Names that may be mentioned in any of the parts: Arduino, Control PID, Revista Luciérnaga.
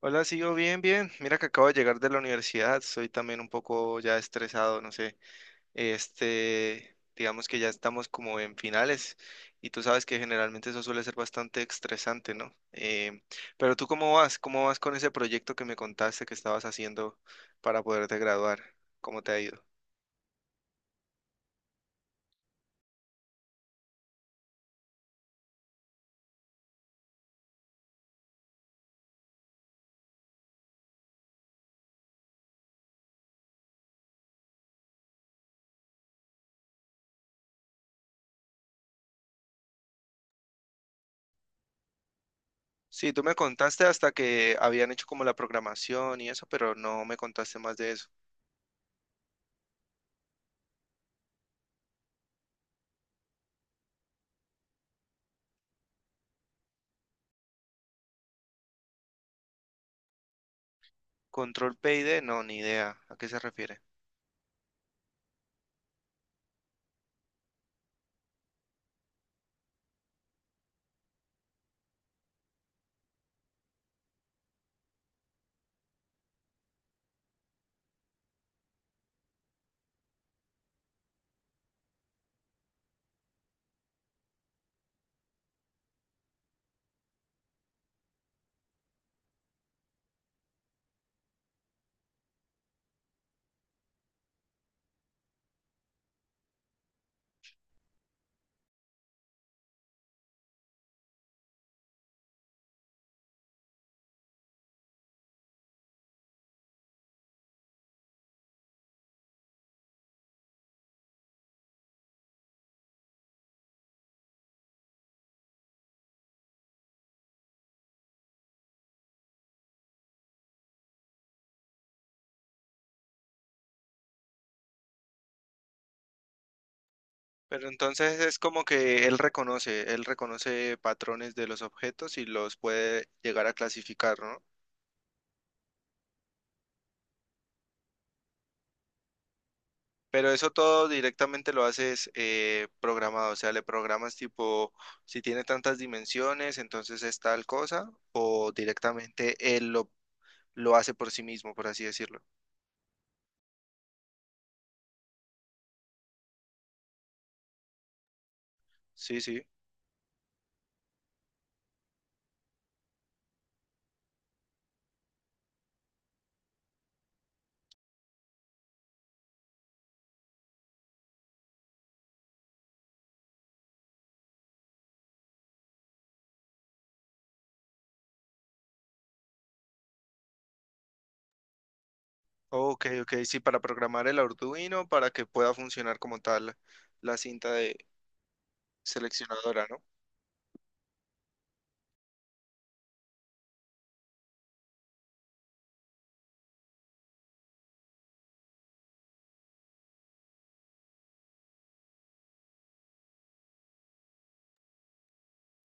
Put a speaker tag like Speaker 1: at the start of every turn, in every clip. Speaker 1: Hola, sí, yo bien, bien. Mira que acabo de llegar de la universidad, soy también un poco ya estresado, no sé. Este, digamos que ya estamos como en finales y tú sabes que generalmente eso suele ser bastante estresante, ¿no? Pero tú, ¿cómo vas? ¿Cómo vas con ese proyecto que me contaste que estabas haciendo para poderte graduar? ¿Cómo te ha ido? Sí, tú me contaste hasta que habían hecho como la programación y eso, pero no me contaste más de eso. Control PID, no, ni idea. ¿A qué se refiere? Pero entonces es como que él reconoce patrones de los objetos y los puede llegar a clasificar, ¿no? Pero eso todo directamente lo haces programado, o sea, le programas tipo, si tiene tantas dimensiones, entonces es tal cosa, o directamente lo hace por sí mismo, por así decirlo. Sí, sí. Ok, ok, sí, para programar el Arduino, para que pueda funcionar como tal la cinta de seleccionadora, ¿no?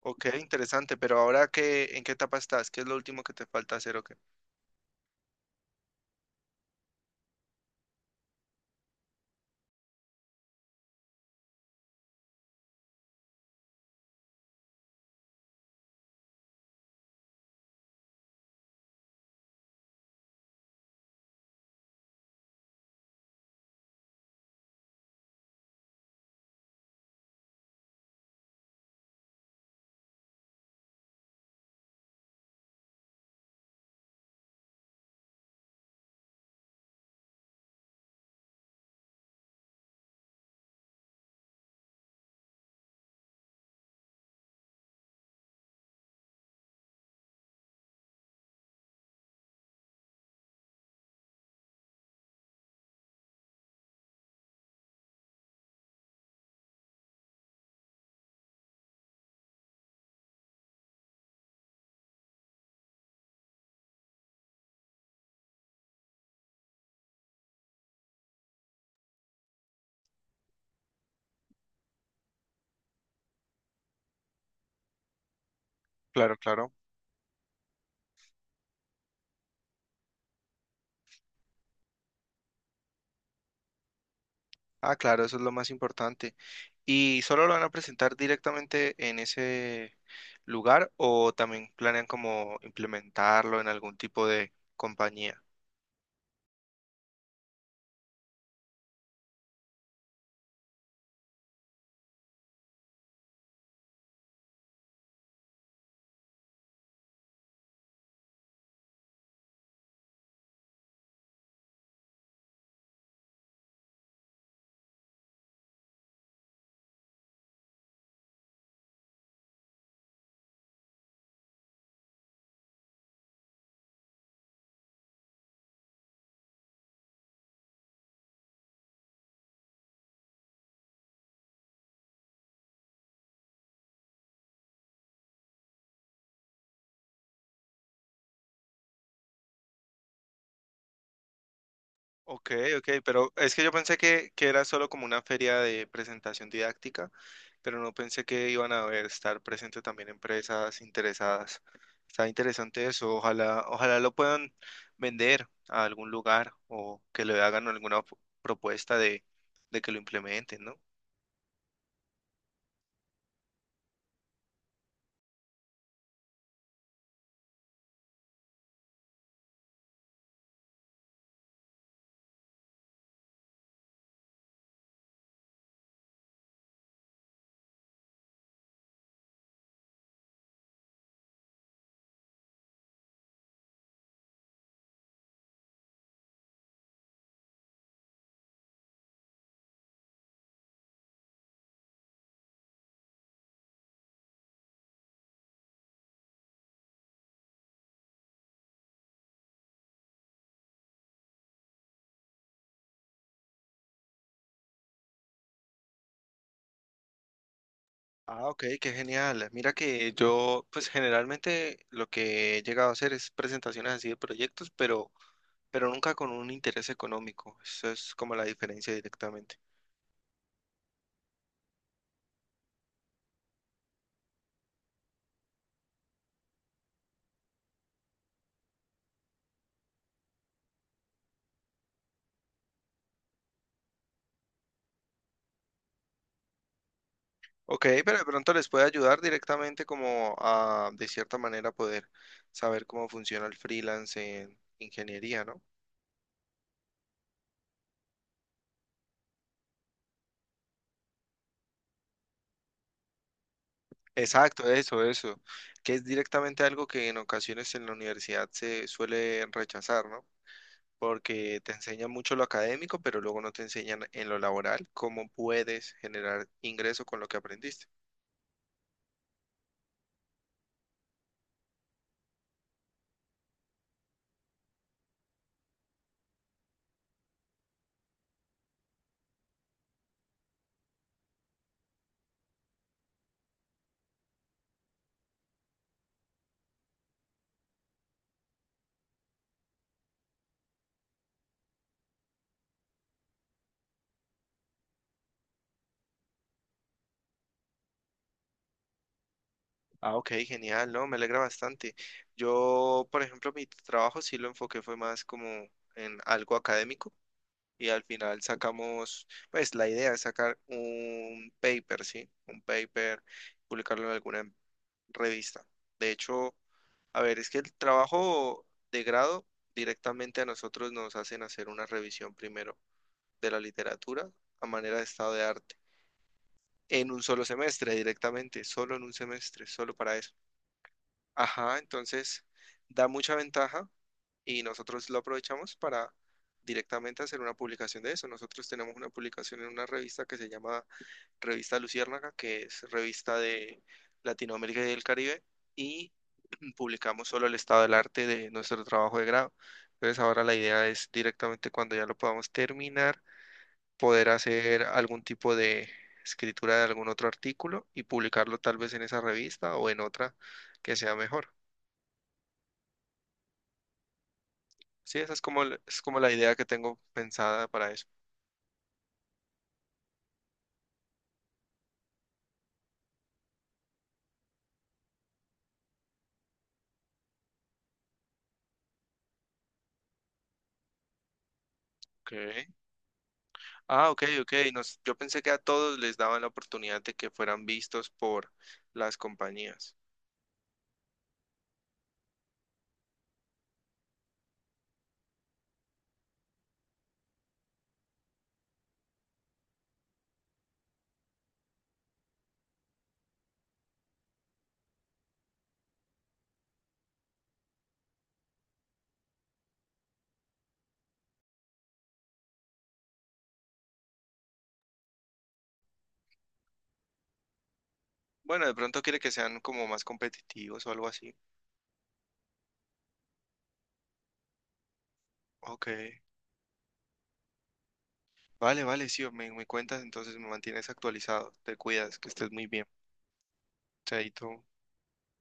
Speaker 1: Ok, interesante, pero ahora qué, ¿en qué etapa estás? ¿Qué es lo último que te falta hacer o qué? Claro, claro. Ah, claro, eso es lo más importante. ¿Y solo lo van a presentar directamente en ese lugar o también planean como implementarlo en algún tipo de compañía? Ok, ok, pero es que yo pensé que era solo como una feria de presentación didáctica, pero no pensé que iban a haber, estar presentes también empresas interesadas. Está interesante eso, ojalá lo puedan vender a algún lugar o que le hagan alguna propuesta de que lo implementen, ¿no? Ah, ok, qué genial. Mira que yo, pues generalmente lo que he llegado a hacer es presentaciones así de proyectos, pero nunca con un interés económico. Eso es como la diferencia directamente. Ok, pero de pronto les puede ayudar directamente como a, de cierta manera, poder saber cómo funciona el freelance en ingeniería, ¿no? Exacto, eso, que es directamente algo que en ocasiones en la universidad se suele rechazar, ¿no? Porque te enseñan mucho lo académico, pero luego no te enseñan en lo laboral cómo puedes generar ingreso con lo que aprendiste. Ah, ok, genial, ¿no? Me alegra bastante. Yo, por ejemplo, mi trabajo sí lo enfoqué fue más como en algo académico y al final sacamos, pues la idea es sacar un paper, ¿sí? Un paper, publicarlo en alguna revista. De hecho, a ver, es que el trabajo de grado directamente a nosotros nos hacen hacer una revisión primero de la literatura a manera de estado de arte, en un solo semestre directamente, solo en un semestre, solo para eso. Ajá, entonces da mucha ventaja y nosotros lo aprovechamos para directamente hacer una publicación de eso. Nosotros tenemos una publicación en una revista que se llama Revista Luciérnaga, que es revista de Latinoamérica y del Caribe, y publicamos solo el estado del arte de nuestro trabajo de grado. Entonces ahora la idea es directamente cuando ya lo podamos terminar, poder hacer algún tipo de escritura de algún otro artículo y publicarlo tal vez en esa revista o en otra que sea mejor. Sí, esa es como, es como la idea que tengo pensada para eso. Ok. Ah, ok, ok. Nos, yo pensé que a todos les daban la oportunidad de que fueran vistos por las compañías. Bueno, de pronto quiere que sean como más competitivos o algo así. Ok. Vale, vale, sí, me cuentas, entonces me mantienes actualizado. Te cuidas, que estés muy bien. Chaito.